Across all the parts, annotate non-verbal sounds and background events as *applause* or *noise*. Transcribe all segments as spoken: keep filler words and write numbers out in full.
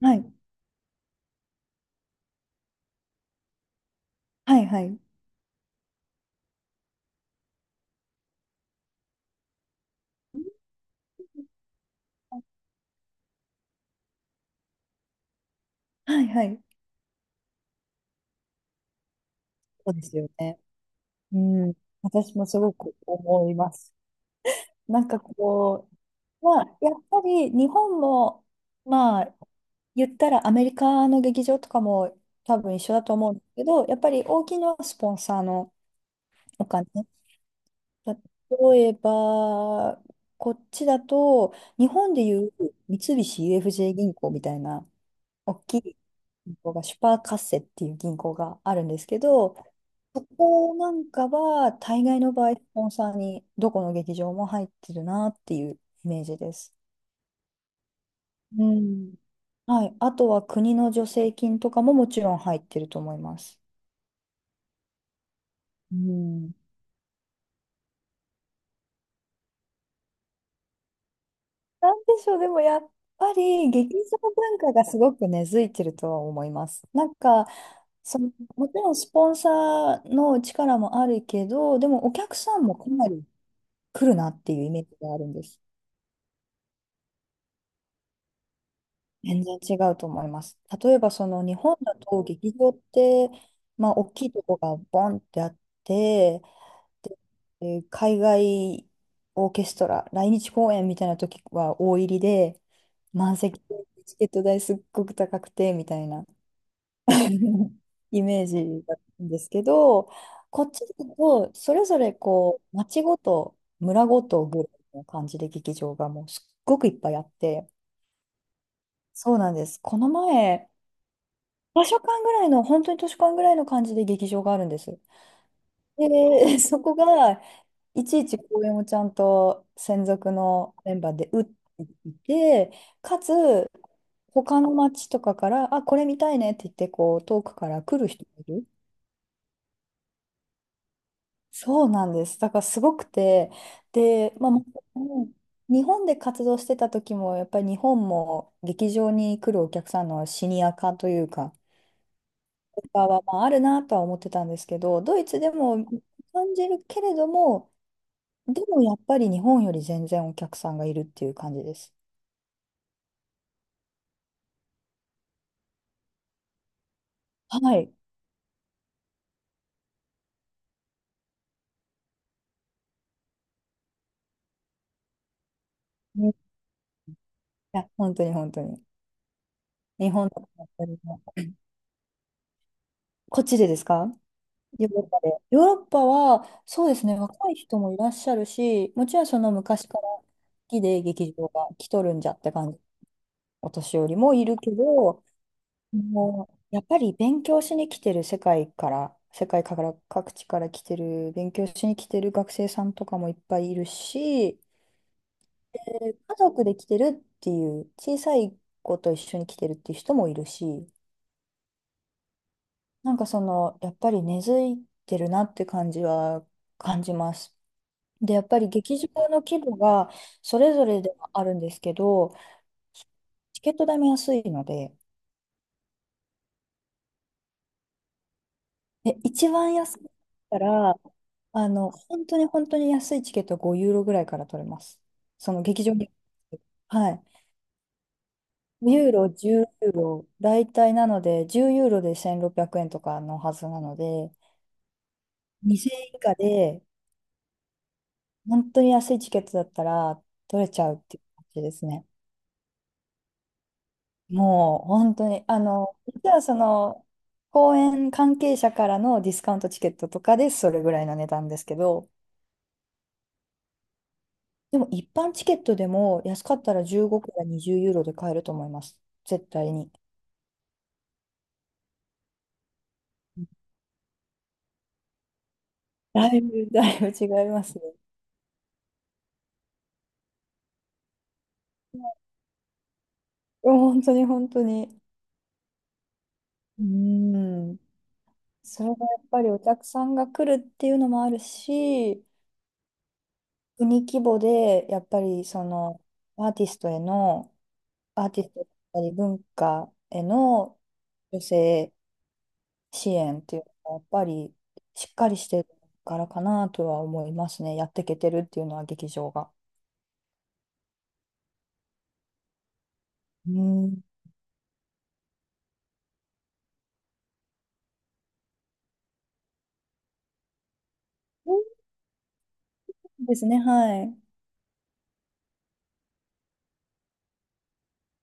はい。はいはい。はいはい。そうですよね。うん。私もすごく思います。なんかこう、まあ、やっぱり日本も、まあ、言ったらアメリカの劇場とかも多分一緒だと思うんですけど、やっぱり大きなスポンサーのお金。例えば、こっちだと、日本でいう三菱 ユーエフジェー 銀行みたいな大きい銀行が、シュパーカッセっていう銀行があるんですけど、そこなんかは、大概の場合、スポンサーにどこの劇場も入ってるなっていうイメージです。うん。はい。あとは国の助成金とかももちろん入ってると思います。うん。なんでしょう、でもやっぱり劇場文化がすごく根付いてるとは思います。なんか、その、もちろんスポンサーの力もあるけど、でもお客さんもかなり来るなっていうイメージがあるんです。全然違うと思います。例えばその日本だと劇場って、まあ、大きいとこがボンってあって、で、えー海外オーケストラ、来日公演みたいな時は大入りで、満席でチケット代すっごく高くてみたいな *laughs* イメージだったんですけど、こっちだとそれぞれこう町ごと村ごとぐらいの感じで劇場がもうすっごくいっぱいあって、そうなんです。この前場所間ぐらいの、本当に図書館ぐらいの感じで劇場があるんです。で、*laughs* そこが、いちいち公演をちゃんと専属のメンバーで打っていて、かつ、他の町とかから、あ、これ見たいねって言って、こう、遠くから来る人がいる。そうなんです。だからすごくて、で、まあ、もちろん日本で活動してた時も、やっぱり日本も劇場に来るお客さんのシニア化というか、かは、まあ、あるなとは思ってたんですけど、ドイツでも感じるけれども、でもやっぱり日本より全然お客さんがいるっていう感じです。はい。ねいや、本当に本当に。日本だと本当にもうこっちでですか？ヨーロッパで。ヨーロッパは、そうですね、若い人もいらっしゃるし、もちろんその昔から好きで劇場が来とるんじゃって感じ、お年寄りもいるけど、もう、やっぱり勉強しに来てる世界から、世界から各地から来てる、勉強しに来てる学生さんとかもいっぱいいるし、家族で来てるっていう、小さい子と一緒に来てるっていう人もいるし、なんかその、やっぱり根付いてるなって感じは感じます。で、やっぱり劇場の規模がそれぞれではあるんですけど、チケット代も安いので、え、一番安いから、あの、本当に本当に安いチケットはごユーロぐらいから取れます。その劇場に。はい。ごユーロ、じゅうユーロ、大体なので、じゅうユーロでせんろっぴゃくえんとかのはずなので、にせんえん以下で、本当に安いチケットだったら取れちゃうっていう感じですね。もう、本当に、あの、実はその、公演関係者からのディスカウントチケットとかでそれぐらいの値段ですけど、でも一般チケットでも安かったらじゅうごからにじゅうユーロで買えると思います。絶対に。だいぶ、だいぶ違いますね。本当に本当に。うん。それがやっぱりお客さんが来るっていうのもあるし、国規模でやっぱりそのアーティストへの、アーティストだったり文化への女性支援っていうのがやっぱりしっかりしてるからかなとは思いますね。やっていけてるっていうのは劇場が。うん。そうですね、はい。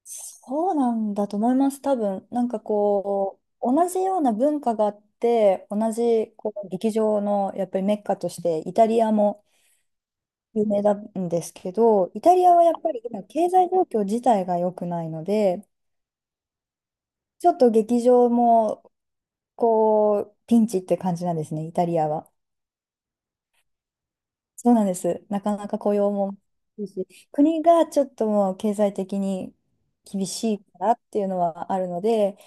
そうなんだと思います、多分。なんかこう、同じような文化があって、同じこう劇場のやっぱりメッカとして、イタリアも有名なんですけど、イタリアはやっぱり今、経済状況自体が良くないので、ちょっと劇場もこう、ピンチって感じなんですね、イタリアは。そうなんです。なかなか雇用も厳しいし、国がちょっともう経済的に厳しいからっていうのはあるので、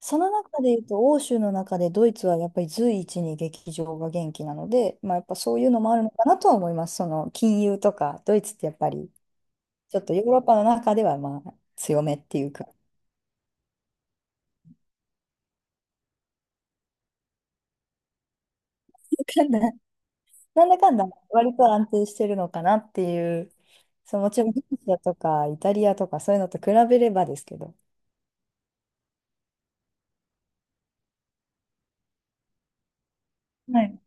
その中で言うと、欧州の中でドイツはやっぱり随一に劇場が元気なので、まあ、やっぱそういうのもあるのかなとは思います。その金融とか、ドイツってやっぱりちょっとヨーロッパの中ではまあ強めっていうか、*laughs* なんだかんだ割と安定してるのかなっていう、そう、もちろんギリシャとかイタリアとかそういうのと比べればですけど、はい。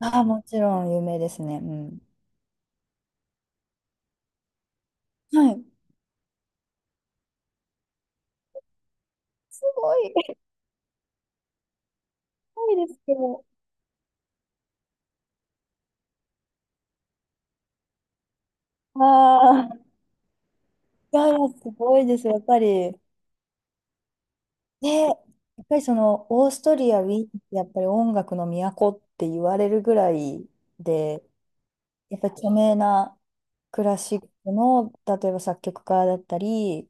ああ、もちろん有名ですね。うん。はい。すごい、すごいですけど、ああ、いやいや、すごいです。やっぱり。ね、やっぱりそのオーストリア、ウィーンってやっぱり音楽の都って言われるぐらいで、やっぱり著名なクラシックの、例えば作曲家だったり、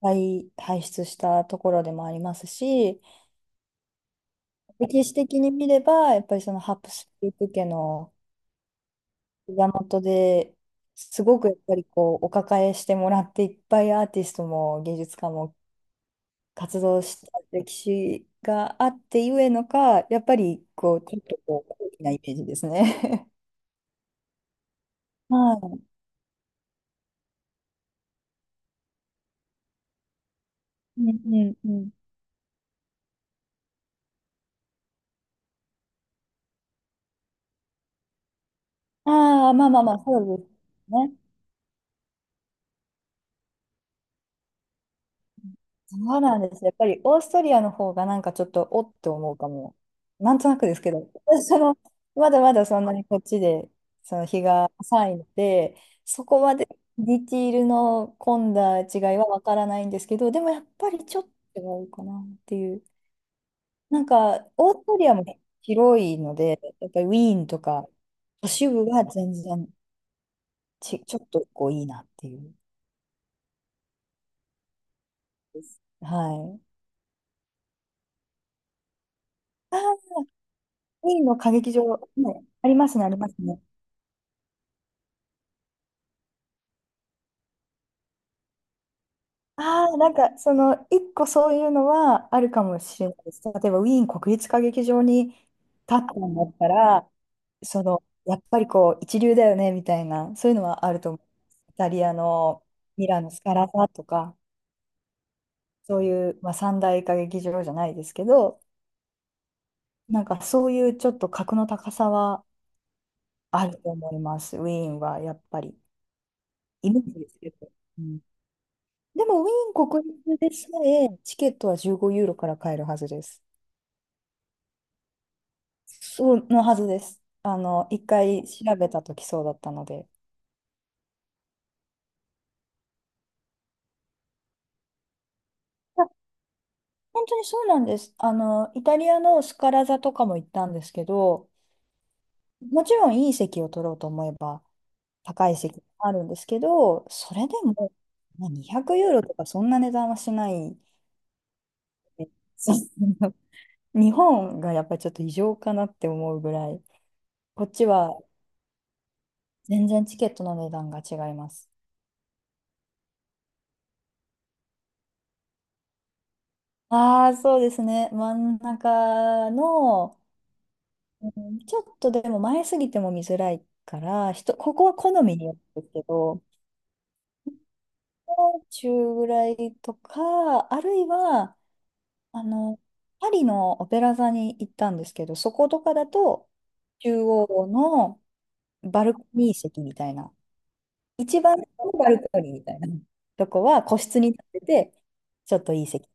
輩輩出したところでもありますし、歴史的に見れば、やっぱりそのハプスブルク家の膝元ですごくやっぱりこうお抱えしてもらっていっぱいアーティストも芸術家も活動した歴史があってゆえのか、やっぱりこう、ちょっとこう、高貴なイメージですね。*laughs* はい。うんうんうん。ああ、まあまあまあ、そうですね。そうなんです。やっぱりオーストリアの方がなんかちょっとおって思うかも。なんとなくですけど、*laughs* その、まだまだそんなにこっちで、その日が浅いので、そこまでディティールの混んだ違いはわからないんですけど、でもやっぱりちょっと違うかなっていう。なんか、オーストリアも広いので、やっぱりウィーンとか、都市部は全然ち、ちょっとこういいなっていう。はい。あー、ウィーンの歌劇場、ね、ありますね、ありますね。ああ、なんか、その、一個そういうのはあるかもしれないです。例えば、ウィーン国立歌劇場に立ったんだったら、その、やっぱりこう、一流だよね、みたいな、そういうのはあると思う。イタリアのミラノスカラ座とか、そういう、まあ、三大歌劇場じゃないですけど、なんかそういうちょっと格の高さはあると思います、ウィーンはやっぱり。イメージですけど。うん、でも、ウィーン国立でさえ、チケットはじゅうごユーロから買えるはずです。そうのはずです。あの、一回調べたときそうだったので。あ、本当にそうなんです。あの、イタリアのスカラ座とかも行ったんですけど、もちろんいい席を取ろうと思えば高い席もあるんですけど、それでもまあにひゃくユーロとかそんな値段はしない。*laughs* えそう、日本がやっぱりちょっと異常かなって思うぐらい、こっちは全然チケットの値段が違います。ああ、そうですね。真ん中の、うん、ちょっとでも前すぎても見づらいから、人、ここは好みによるんですけど、もう中ぐらいとか、あるいは、あの、パリのオペラ座に行ったんですけど、そことかだと、中央のバルコニー席みたいな、一番のバルコニーみたいなとこは個室に立ってて、ちょっといい席。